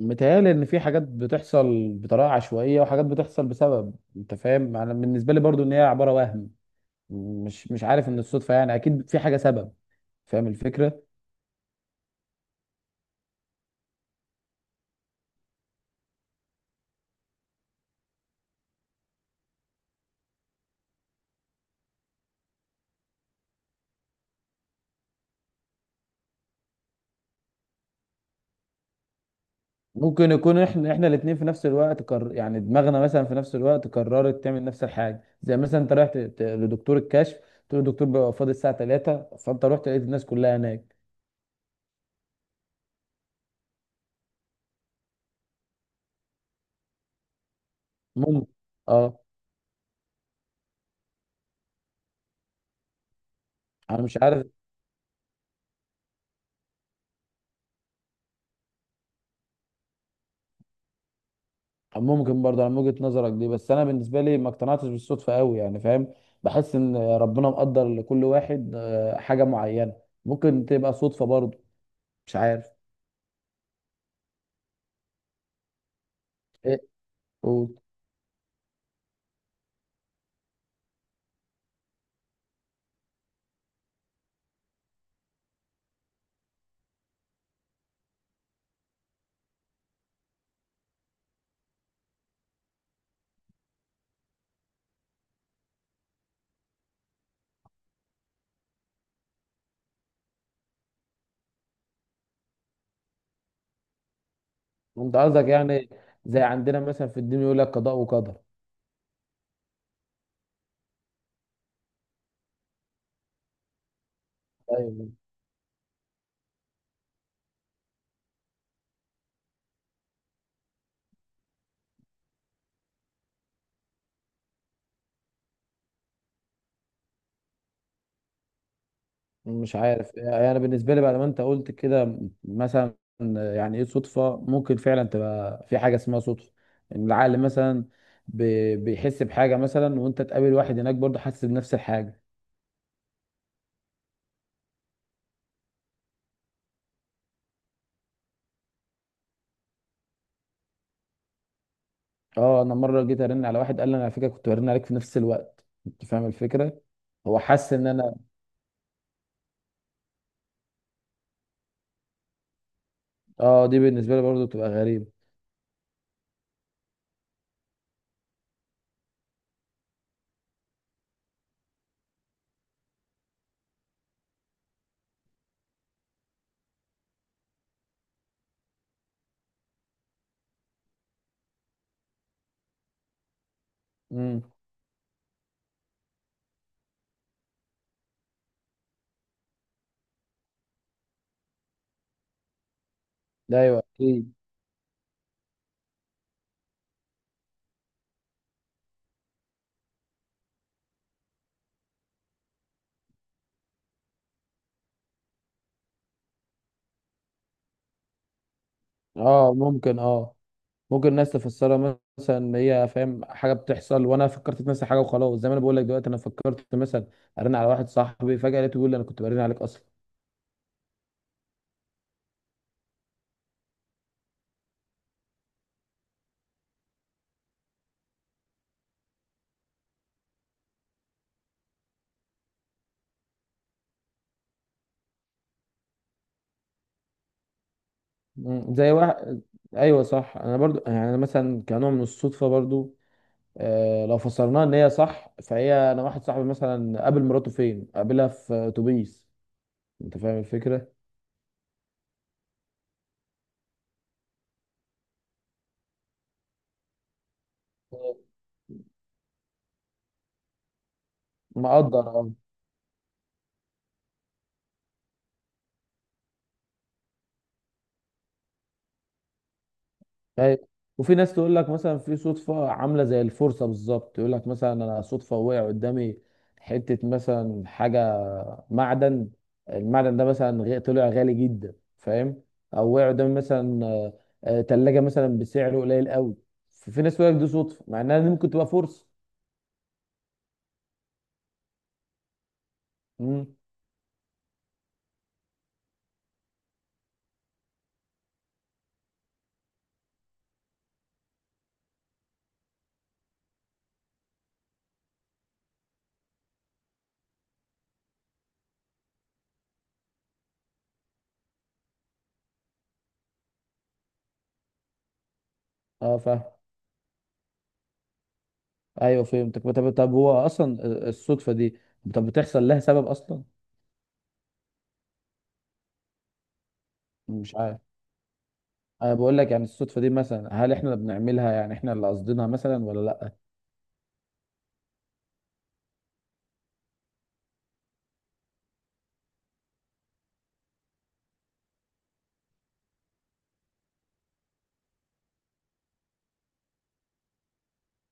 متهيألي إن في حاجات بتحصل بطريقة عشوائية وحاجات بتحصل بسبب، أنت فاهم. أنا بالنسبة لي برضو إن هي عبارة وهم. مش عارف إن الصدفة، يعني أكيد في حاجة سبب. فاهم الفكرة. ممكن يكون إحنا الاتنين في نفس الوقت يعني دماغنا مثلا في نفس الوقت قررت تعمل نفس الحاجة. زي مثلا أنت رحت لدكتور الكشف، تقول له الدكتور بيبقى فاضي الساعة 3، فأنت رحت لقيت الناس كلها هناك. ممكن. أه. أنا مش عارف. ممكن برضه على وجهة نظرك دي، بس انا بالنسبه لي ما اقتنعتش بالصدفه قوي، يعني فاهم. بحس ان ربنا مقدر لكل واحد حاجه معينه. ممكن تبقى صدفه برضه. مش عارف. ايه؟ قول. انت قصدك يعني زي عندنا مثلا في الدين، يقول لك قضاء وقدر. طيب. مش عارف، يعني انا بالنسبه لي بعد ما انت قلت كده مثلا، يعني ايه صدفه، ممكن فعلا تبقى في حاجه اسمها صدفه. ان العقل مثلا بيحس بحاجه مثلا، وانت تقابل واحد هناك برضه حاسس بنفس الحاجه. اه انا مره جيت ارن على واحد قال لي انا على فكره كنت برن عليك في نفس الوقت، انت فاهم الفكره. هو حس ان انا. اه، دي بالنسبه لي برضه بتبقى غريبه. امم. ده ايوه اكيد. اه ممكن الناس تفسرها مثلا ان هي، فاهم، حاجه بتحصل وانا فكرت في نفس الحاجه، وخلاص زي ما انا بقول لك دلوقتي، انا فكرت مثلا ارن على واحد صاحبي، فجاه لقيته بيقول لي انا كنت برن عليك اصلا. مم. زي واحد. ايوه صح، انا برضو يعني أنا مثلا كنوع من الصدفه برضو، لو فسرناها ان هي صح، فهي انا واحد صاحبي مثلا قابل مراته فين؟ قابلها في اتوبيس. انت فاهم الفكره. مقدر اه. أيوة. وفي ناس تقول لك مثلا في صدفه عامله زي الفرصه بالظبط، يقول لك مثلا انا صدفه وقع قدامي حته مثلا حاجه، معدن. المعدن ده مثلا طلع غالي جدا، فاهم. او وقع قدامي مثلا تلاجة مثلا بسعر قليل قوي. ففي ناس تقول لك دي صدفه، مع انها دي ممكن تبقى فرصه. امم. اه فاهم. ايوه فهمتك. طب هو اصلا الصدفه دي، طب بتحصل لها سبب اصلا؟ مش عارف. انا بقول لك، يعني الصدفه دي مثلا، هل احنا اللي بنعملها، يعني احنا اللي قصدينها مثلا ولا لا؟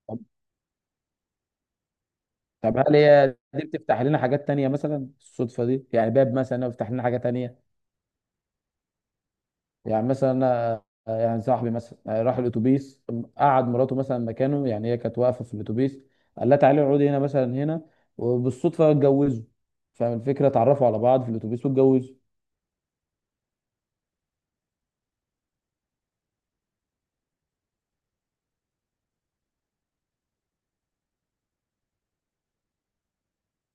طب طب هل هي دي بتفتح لنا حاجات تانية مثلا، الصدفه دي يعني باب مثلا بيفتح لنا حاجه تانية؟ يعني مثلا، يعني صاحبي مثلا راح الاتوبيس، قعد مراته مثلا مكانه، يعني هي كانت واقفه في الاتوبيس. قال لها تعالي اقعدي هنا مثلا هنا، وبالصدفه اتجوزوا. فاهم الفكره، اتعرفوا على بعض في الاتوبيس واتجوزوا.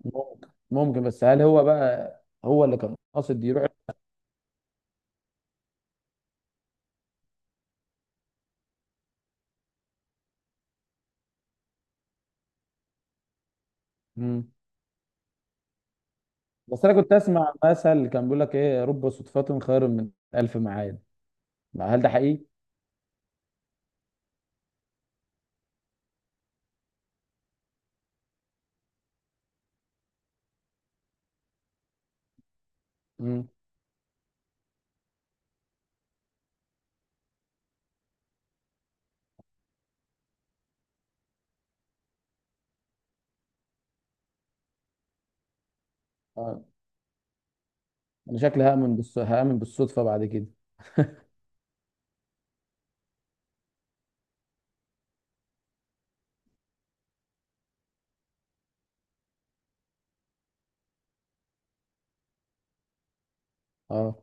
ممكن، بس هل هو بقى هو اللي كان قاصد يروح؟ مم. بس انا كنت اسمع مثل كان بيقول لك ايه، رب صدفة خير من الف معاد. ما هل ده حقيقي؟ مم. اه انا شكلي هأمن هأمن بالصدفة بعد كده. اه.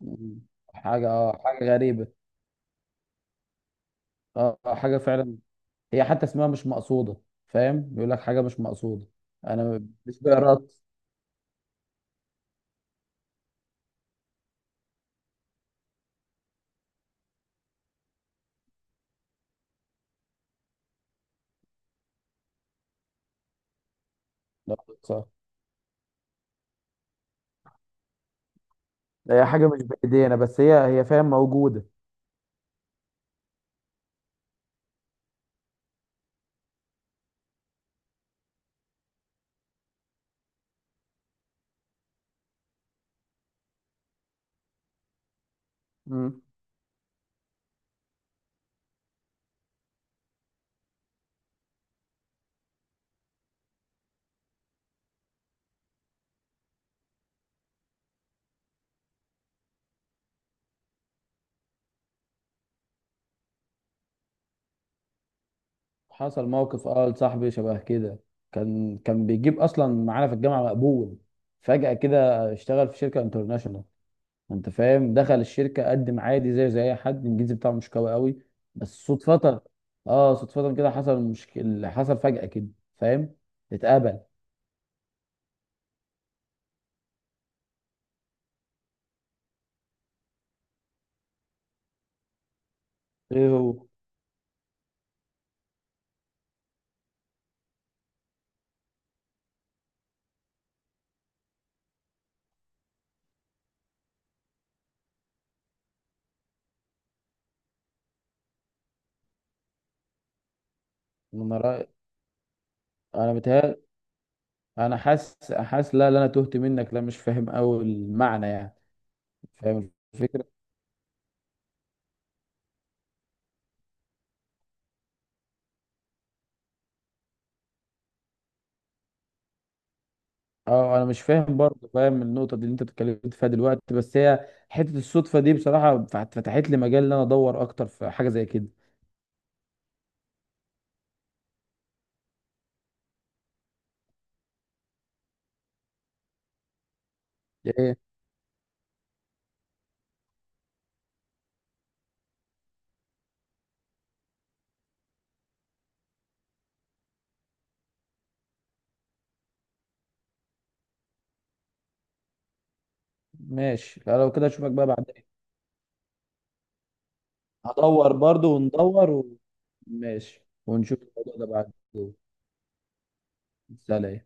مم. حاجة غريبة. اه حاجة فعلا. هي حتى اسمها مش مقصودة، فاهم؟ بيقول لك حاجة مش مقصودة. انا مش بقرا. لا، صح. هي حاجة مش بإيدينا، بس هي فاهم موجودة. مم. حصل موقف لصاحبي شبه كده. كان بيجيب اصلا معانا في الجامعه مقبول، فجاه كده اشتغل في شركه انترناشونال. انت فاهم، دخل الشركه قدم عادي زي اي حد، الانجليزي بتاعه مش قوي قوي، بس صدفه. اه صدفه كده، حصل مشكله، حصل فجاه كده، فاهم، اتقبل. ايه هو؟ انا رأي... انا بتهيألي، انا حاسس حاسس، لا لا انا تهت منك، لا مش فاهم قوي المعنى يعني. فاهم الفكره. اه انا مش فاهم برضه، فاهم النقطه دي اللي انت اتكلمت فيها دلوقتي، بس هي حته الصدفه دي بصراحه فتحت لي مجال ان انا ادور اكتر في حاجه زي كده. ايه؟ ماشي، لا لو كده اشوفك بقى بعدين. هدور برضه وندور. ماشي. ونشوف الموضوع ده بعد. سلام.